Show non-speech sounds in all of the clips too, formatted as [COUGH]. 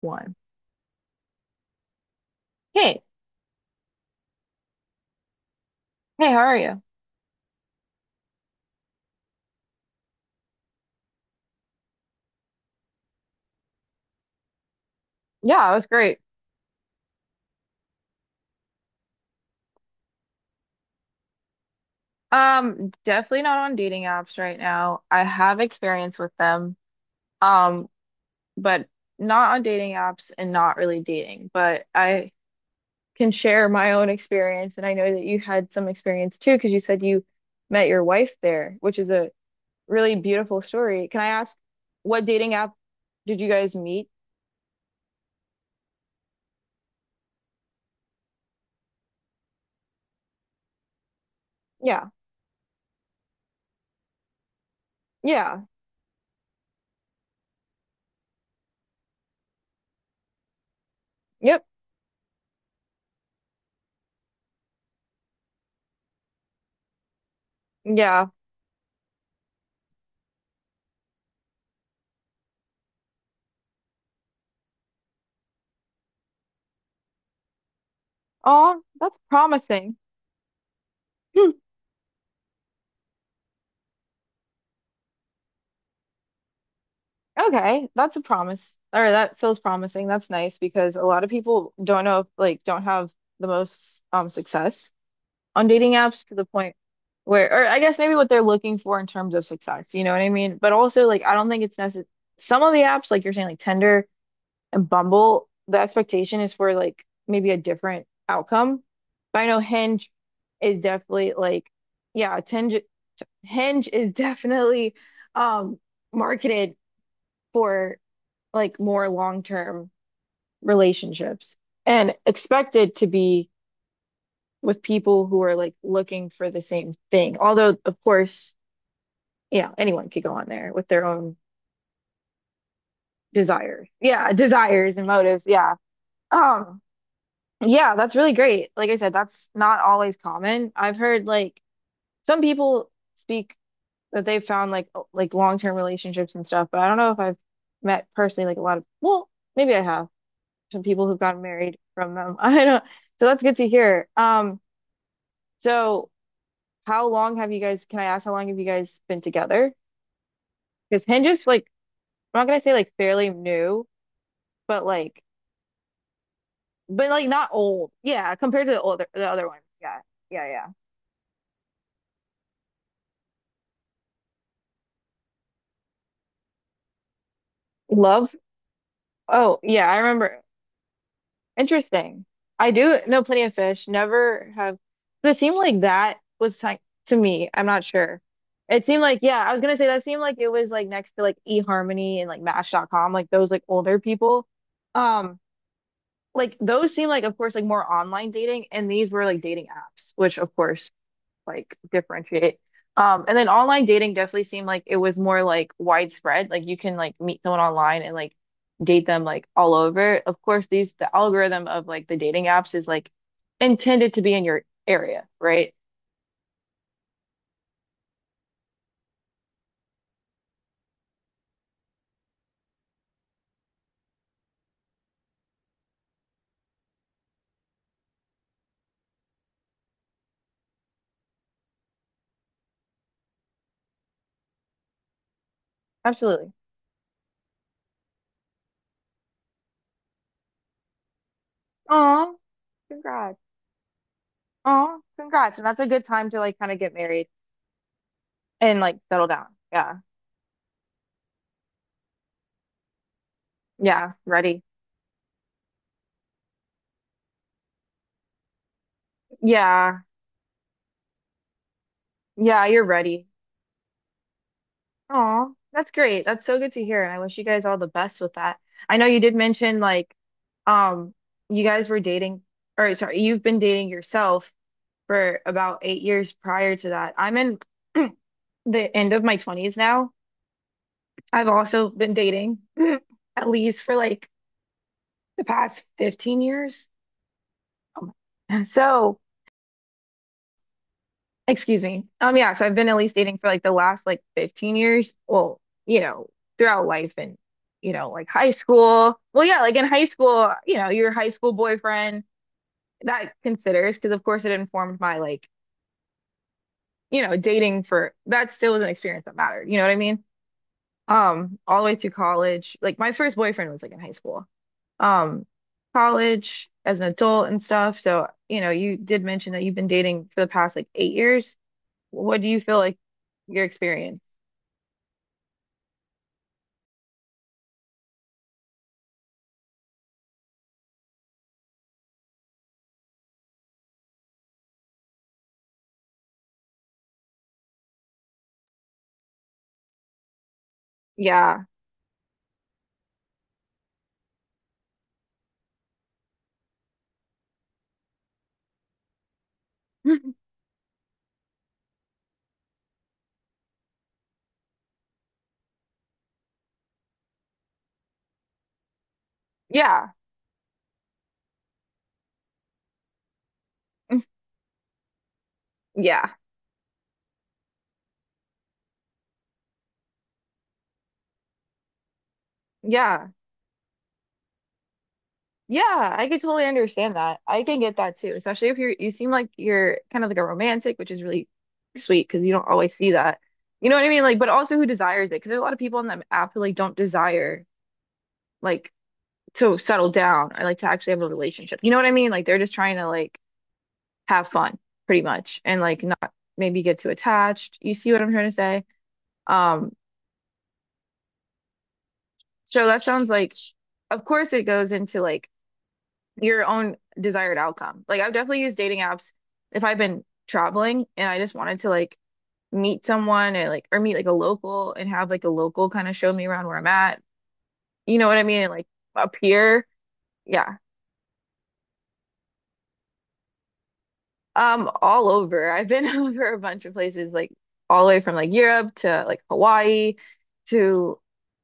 One. Hey, hey, how are you? Yeah, it was great. Definitely not on dating apps right now. I have experience with them, um, but not on dating apps and not really dating. But I can share my own experience, and I know that you had some experience too, because you said you met your wife there, which is a really beautiful story. Can I ask what dating app did you guys meet? Yeah, yeah, yep, yeah. Oh, that's promising. [LAUGHS] Okay, that's a promise. Or that feels promising. That's nice because a lot of people don't know, like, don't have the most success on dating apps to the point where, or I guess maybe what they're looking for in terms of success, you know what I mean? But also, like, I don't think it's necessary. Some of the apps, like you're saying, like Tinder and Bumble, the expectation is for like maybe a different outcome. But I know Hinge is definitely like, yeah, Tinge Hinge is [LAUGHS] definitely um marketed for like more long-term relationships and expected to be with people who are like looking for the same thing. Although, of course, yeah, anyone could go on there with their own desire. Yeah, desires and motives. Yeah. Um, yeah, that's really great. Like I said, that's not always common. I've heard like some people speak that they've found like like long-term relationships and stuff, but I don't know if I've met personally like a lot of, well, maybe I have. Some people who got married from them. [LAUGHS] I don't, so that's good to hear. So how long have you guys, can I ask how long have you guys been together? Because Hinge is like, I'm not gonna say like fairly new, but like, but like not old. Yeah, compared to the older, the other one. Yeah, yeah, yeah. Love. Oh, yeah, I remember. Interesting. I do know plenty of fish. Never have. It seemed like that was ti- To me, I'm not sure. It seemed like, yeah, I was gonna say that seemed like it was like next to like eHarmony and like Match. Dot com. Like those like older people. Um, like those seem like of course like more online dating, and these were like dating apps, which of course like differentiate. And then online dating definitely seemed like it was more like widespread. Like you can like meet someone online and like date them like all over. Of course, the algorithm of like the dating apps is like intended to be in your area, right? Absolutely. Oh, congrats. Oh, congrats. And that's a good time to like kind of get married and like settle down. Yeah. Yeah. Ready. Yeah. Yeah, you're ready. Oh, that's great. That's so good to hear. And I wish you guys all the best with that. I know you did mention like um you guys were dating or sorry, you've been dating yourself for about 8 years prior to that. I'm in [CLEARS THROAT] the end of my 20s now. I've also been dating [CLEARS THROAT] at least for like the past 15 years. Oh [LAUGHS] So excuse me. Yeah, so I've been at least dating for like the last like 15 years. Well, you know, throughout life and, you know, like high school. Well, yeah, like in high school, you know, your high school boyfriend, that considers because of course it informed my like, you know, dating for that still was an experience that mattered. You know what I mean? All the way through college. Like my first boyfriend was like in high school. Um, College as an adult and stuff. So, you know, you did mention that you've been dating for the past like 8 years. What do you feel like your experience? Yeah. [LAUGHS] Yeah. Yeah. Yeah. Yeah, I could totally understand that. I can get that too, especially if you seem like you're kind of like a romantic, which is really sweet because you don't always see that. You know what I mean? Like, but also who desires it? Because there's a lot of people on the app who like don't desire like to settle down or like to actually have a relationship. You know what I mean? Like they're just trying to like have fun pretty much and like not maybe get too attached. You see what I'm trying to say? Um, so that sounds like of course it goes into like your own desired outcome. Like I've definitely used dating apps if I've been traveling and I just wanted to like meet someone and like or meet like a local and have like a local kind of show me around where I'm at. You know what I mean? And like up here. Yeah. All over. I've been [LAUGHS] over a bunch of places, like all the way from like Europe to like Hawaii to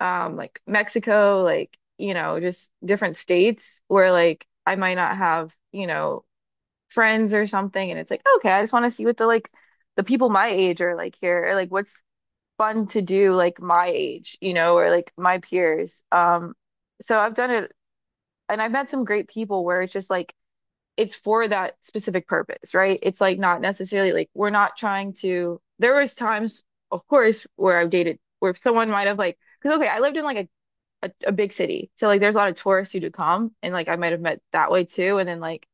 like Mexico, like, you know, just different states where like I might not have, you know, friends or something and it's like okay I just want to see what the like the people my age are like here or like what's fun to do like my age you know or like my peers so I've done it and I've met some great people where it's just like it's for that specific purpose right it's like not necessarily like we're not trying to there was times of course where I've dated where someone might have like because okay I lived in like a big city so like there's a lot of tourists who do come and like I might have met that way too and then like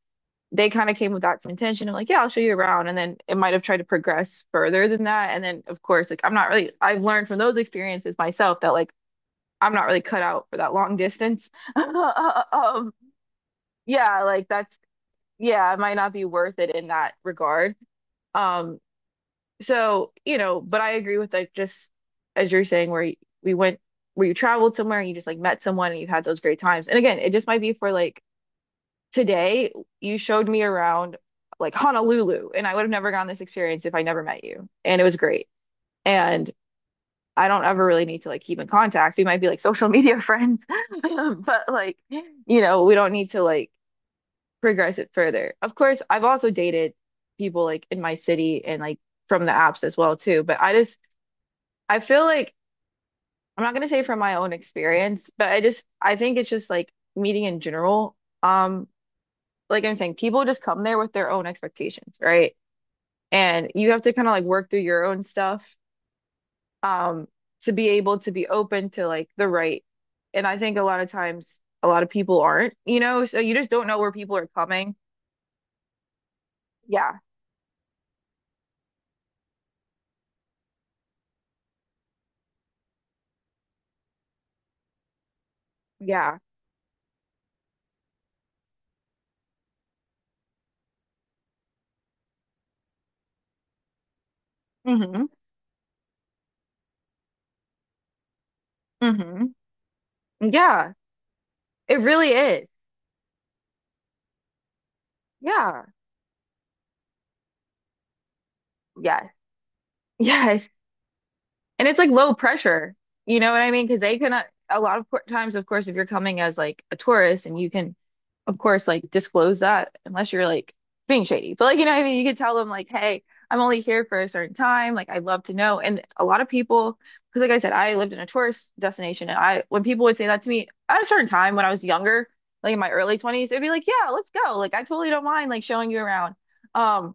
they kind of came with that intention of like, yeah, I'll show you around. And then it might have tried to progress further than that. And then, of course, like I'm not really, I've learned from those experiences myself that like I'm not really cut out for that long distance. [LAUGHS] Um, yeah, like that's, yeah, it might not be worth it in that regard. Um, so, you know, but I agree with like just as you're saying, where we went, where you traveled somewhere and you just like met someone and you have had those great times. And again, it just might be for like, today you showed me around like Honolulu, and I would have never gotten this experience if I never met you. And it was great. And I don't ever really need to like keep in contact. We might be like social media friends, [LAUGHS] but like, you know, we don't need to like progress it further. Of course, I've also dated people like in my city and like from the apps as well too, but I feel like I'm not gonna say from my own experience, but I think it's just like meeting in general. Um, like I'm saying, people just come there with their own expectations, right? And you have to kind of like work through your own stuff um to be able to be open to like the right. And I think a lot of times a lot of people aren't, you know, so you just don't know where people are coming. Yeah. Yeah. Mm-hmm. Mm-hmm. Yeah. It really is. Yeah. Yes. Yes. And it's like low pressure. You know what I mean? Because they cannot, a lot of times, of course, if you're coming as like a tourist and you can, of course, like disclose that unless you're like being shady. But like, you know what I mean? You can tell them, like, hey, I'm only here for a certain time. Like, I'd love to know. And a lot of people, because like I said, I lived in a tourist destination. And I, when people would say that to me at a certain time when I was younger, like in my early 20s, they'd be like, yeah, let's go. Like, I totally don't mind like showing you around. Um,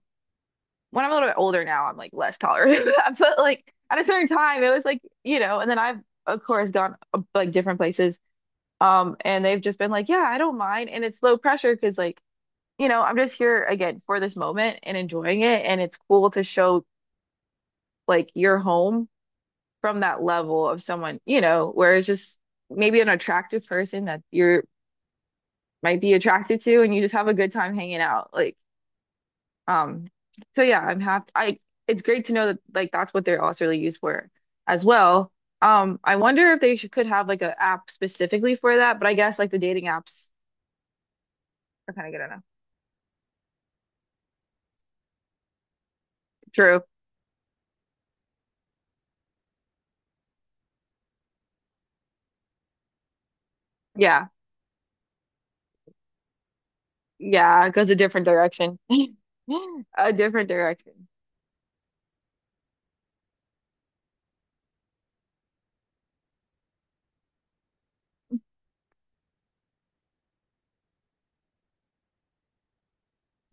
when I'm a little bit older now, I'm like less tolerant of that. [LAUGHS] But like at a certain time, it was like, you know, and then I've of course gone like different places. And they've just been like, yeah, I don't mind. And it's low pressure because like, you know, I'm just here again for this moment and enjoying it. And it's cool to show like your home from that level of someone, you know, where it's just maybe an attractive person that you're might be attracted to and you just have a good time hanging out. Like Um, so yeah, I'm happy. I It's great to know that like that's what they're also really used for as well. I wonder if could have like an app specifically for that, but I guess like the dating apps are kind of good enough. True. Yeah. Yeah, it goes a different direction. [LAUGHS] A different direction.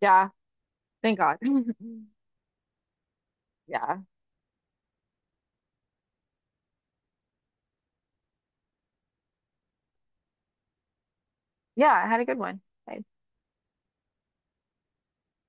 Yeah, thank God. [LAUGHS] Yeah. Yeah, I had a good one.